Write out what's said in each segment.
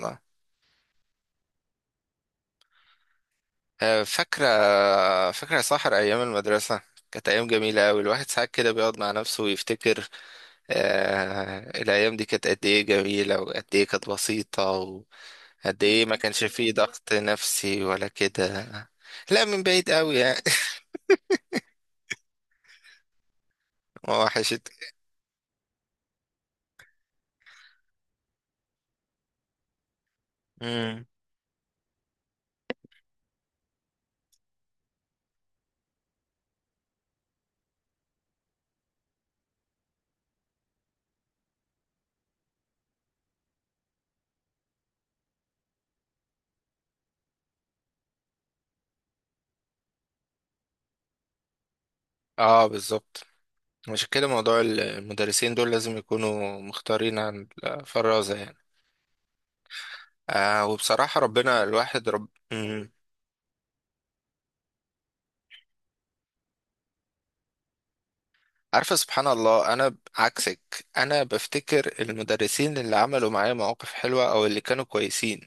الله. فاكرة فاكرة يا ساحر أيام المدرسة. كانت أيام جميلة أوي، الواحد ساعات كده بيقعد مع نفسه ويفتكر الأيام دي كانت قد إيه جميلة وقد إيه كانت بسيطة وقد إيه ما كانش فيه ضغط نفسي ولا كده. لا، من بعيد أوي يعني. وحشت. مم. آه، بالظبط. عشان كده موضوع المدرسين دول لازم يكونوا مختارين عن الفرازة يعني. وبصراحة، ربنا الواحد رب. عارفة، سبحان الله، أنا عكسك. أنا بفتكر المدرسين اللي عملوا معايا مواقف حلوة أو اللي كانوا كويسين.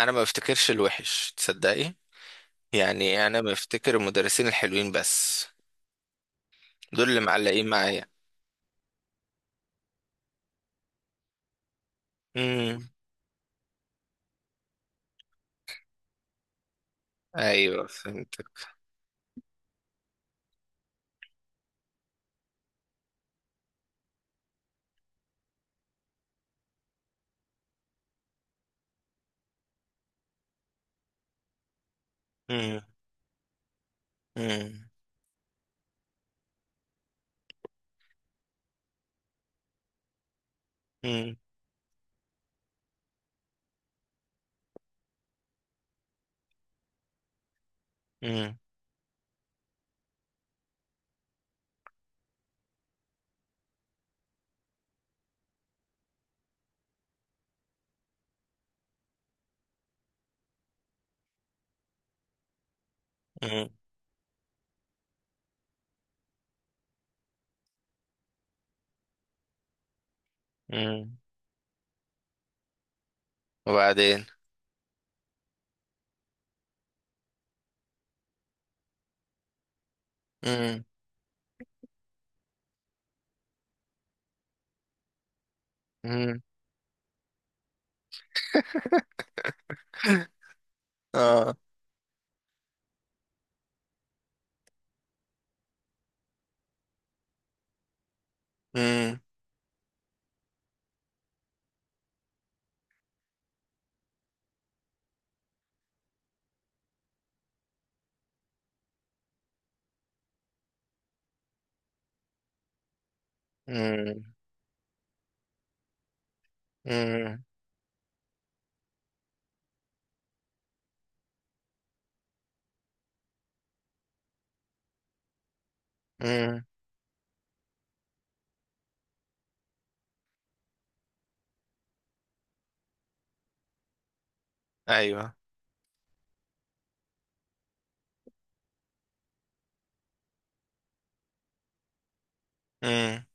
أنا ما بفتكرش الوحش، تصدقي. يعني أنا بفتكر المدرسين الحلوين بس، دول اللي معلقين معايا. امم. أيوه فهمت. امم. امم. امم. امم. امم. أمم. وبعدين. امم. امم. آه. امم. امم. امم. أمم. أيوه. امم.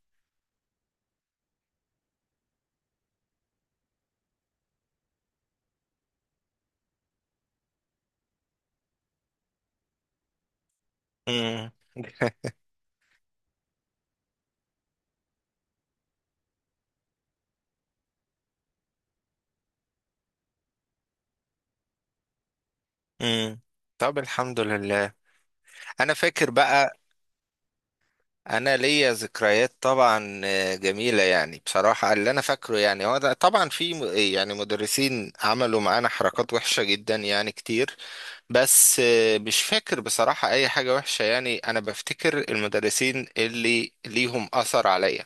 امم. امم. طب الحمد لله. انا فاكر بقى. انا ليا ذكريات طبعا، جميله يعني، بصراحه اللي انا فاكره يعني هو ده. طبعا في إيه يعني، مدرسين عملوا معانا حركات وحشه جدا يعني كتير. بس مش فاكر بصراحه اي حاجه وحشه يعني، انا بفتكر المدرسين اللي ليهم اثر عليا.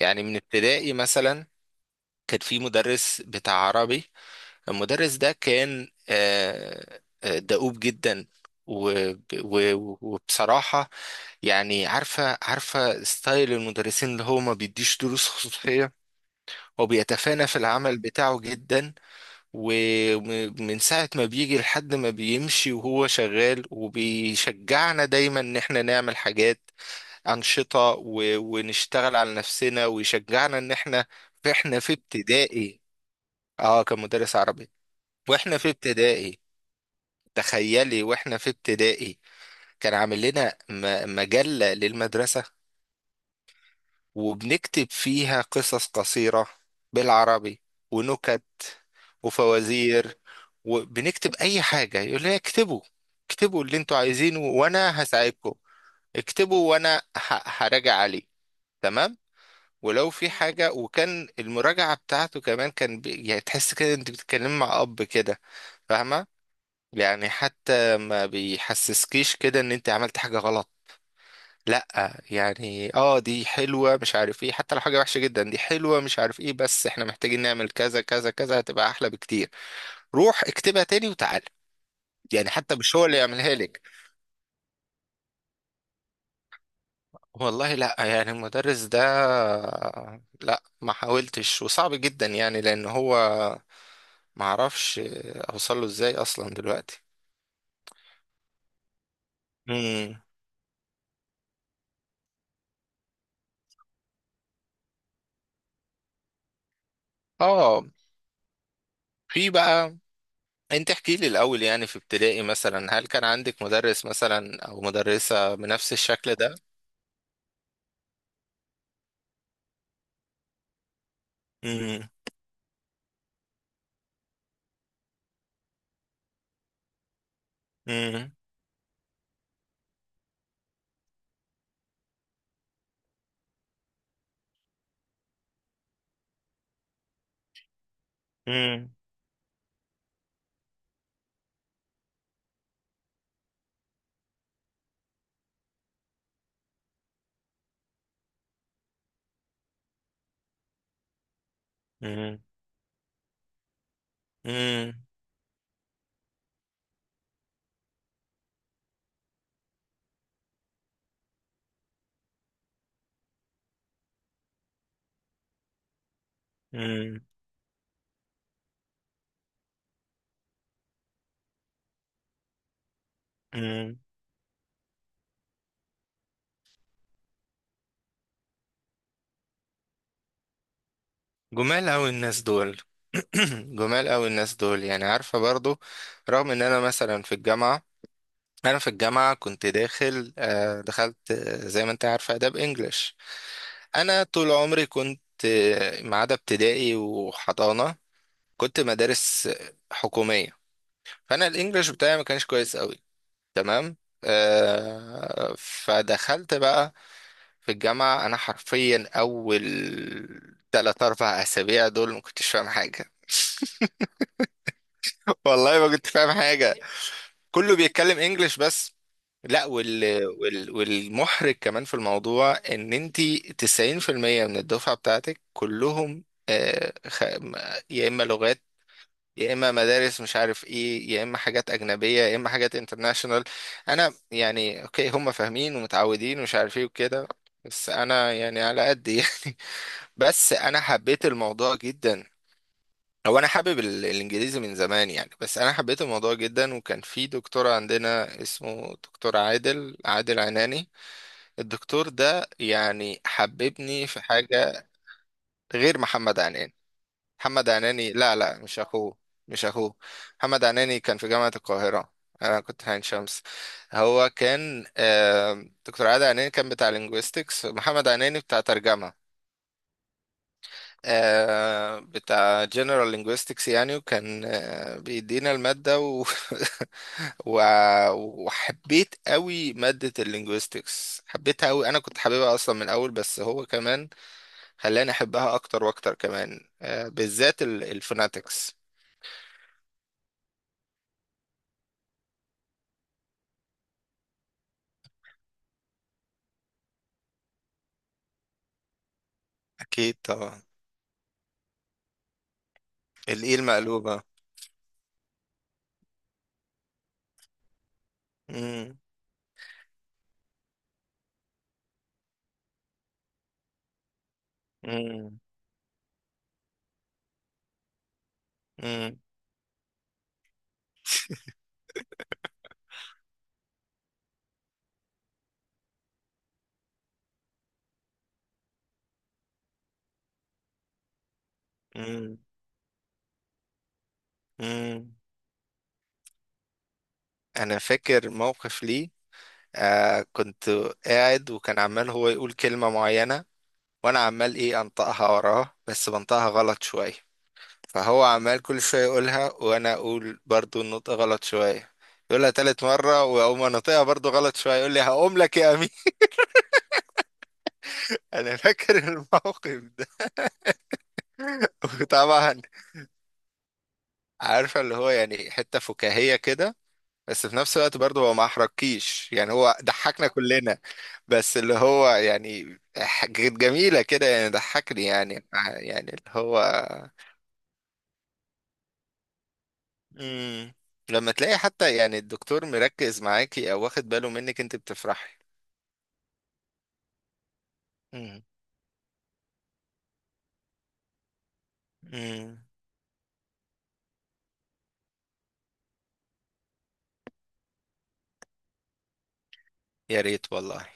يعني من ابتدائي مثلا، كان في مدرس بتاع عربي. المدرس ده كان دؤوب جدا وبصراحة، يعني عارفة ستايل المدرسين اللي هو ما بيديش دروس خصوصية، هو بيتفانى في العمل بتاعه جدا. ومن ساعة ما بيجي لحد ما بيمشي وهو شغال، وبيشجعنا دايما ان احنا نعمل حاجات، أنشطة، ونشتغل على نفسنا ويشجعنا ان احنا احنا في ابتدائي. اه كان مدرس عربي. واحنا في ابتدائي، تخيلي واحنا في ابتدائي، كان عامل لنا مجلة للمدرسة. وبنكتب فيها قصص قصيرة بالعربي ونكت وفوازير. وبنكتب اي حاجة يقول لنا اكتبوا، اكتبوا اللي انتوا عايزينه وانا هساعدكم. اكتبوا وانا هراجع عليه. تمام. ولو في حاجة، وكان المراجعة بتاعته كمان كان يعني تحس كده انت بتتكلمي مع اب كده، فاهمة؟ يعني حتى ما بيحسسكيش كده ان انت عملت حاجة غلط. لا يعني، اه دي حلوة مش عارف ايه، حتى لو حاجة وحشة جدا دي حلوة مش عارف ايه، بس احنا محتاجين نعمل كذا كذا كذا، هتبقى احلى بكتير. روح اكتبها تاني وتعال. يعني حتى مش هو اللي يعملها لك. والله لا يعني المدرس ده، لا ما حاولتش وصعب جدا يعني، لان هو ما اعرفش اوصله ازاي اصلا دلوقتي. امم. اه. في بقى. انت احكي لي الاول يعني، في ابتدائي مثلا هل كان عندك مدرس مثلا او مدرسة بنفس الشكل ده؟ مم. مم. مم. مم. مم. مم. مم. جمال اوي الناس دول. جمال اوي الناس دول، يعني عارفة برضو رغم ان انا مثلا في الجامعة، انا في الجامعة كنت داخل، دخلت زي ما انت عارفة اداب انجلش. انا طول عمري كنت، ما عدا ابتدائي وحضانة، كنت مدارس حكومية. فانا الانجليش بتاعي ما كانش كويس قوي، تمام. فدخلت بقى في الجامعة، انا حرفيا اول 3 أو 4 أسابيع دول ما كنتش فاهم حاجة. والله ما كنت فاهم حاجة، كله بيتكلم انجليش بس. لا، والمحرج كمان في الموضوع ان انتي 90% من الدفعة بتاعتك كلهم يا اما لغات، يا اما مدارس مش عارف ايه، يا اما حاجات اجنبيه، يا اما حاجات انترناشونال. انا يعني اوكي هم فاهمين ومتعودين ومش عارف ايه وكده، بس انا يعني على قد يعني. بس انا حبيت الموضوع جدا. هو انا حابب الانجليزي من زمان يعني، بس انا حبيت الموضوع جدا. وكان في دكتور عندنا اسمه دكتور عادل عناني. الدكتور ده يعني حببني في حاجه. غير محمد عناني. محمد عناني، لا لا مش اخوه، مش اخوه. محمد عناني كان في جامعة القاهرة، انا كنت في عين شمس. هو كان، دكتور عادل عناني كان بتاع لينجويستكس، محمد عناني بتاع ترجمة. بتاع جنرال لينجويستكس يعني. وكان بيدينا المادة و... وحبيت قوي مادة اللينجويستكس، حبيتها قوي. انا كنت حاببها اصلا من الاول، بس هو كمان خلاني احبها اكتر واكتر كمان، بالذات الفوناتكس. اكيد طبعا. الإيه المقلوبة. مم. مم. مم. مم. مم. أنا فاكر موقف لي، كنت قاعد وكان عمال هو يقول كلمة معينة وأنا عمال إيه أنطقها وراه، بس بنطقها غلط شوية. فهو عمال كل شوية يقولها وأنا أقول برضو النطق غلط شوية. يقولها تالت مرة وأقوم أنطقها برضو غلط شوية، يقول لي هقوم لك يا أمين. أنا فاكر الموقف ده. وطبعا، عارفة اللي هو يعني حتة فكاهية كده، بس في نفس الوقت برضه هو ما احرجكيش يعني، هو ضحكنا كلنا، بس اللي هو يعني حاجات جميلة كده يعني، ضحكني يعني، يعني اللي هو. مم. لما تلاقي حتى يعني الدكتور مركز معاكي او واخد باله منك انت بتفرحي. مم. مم. يا ريت والله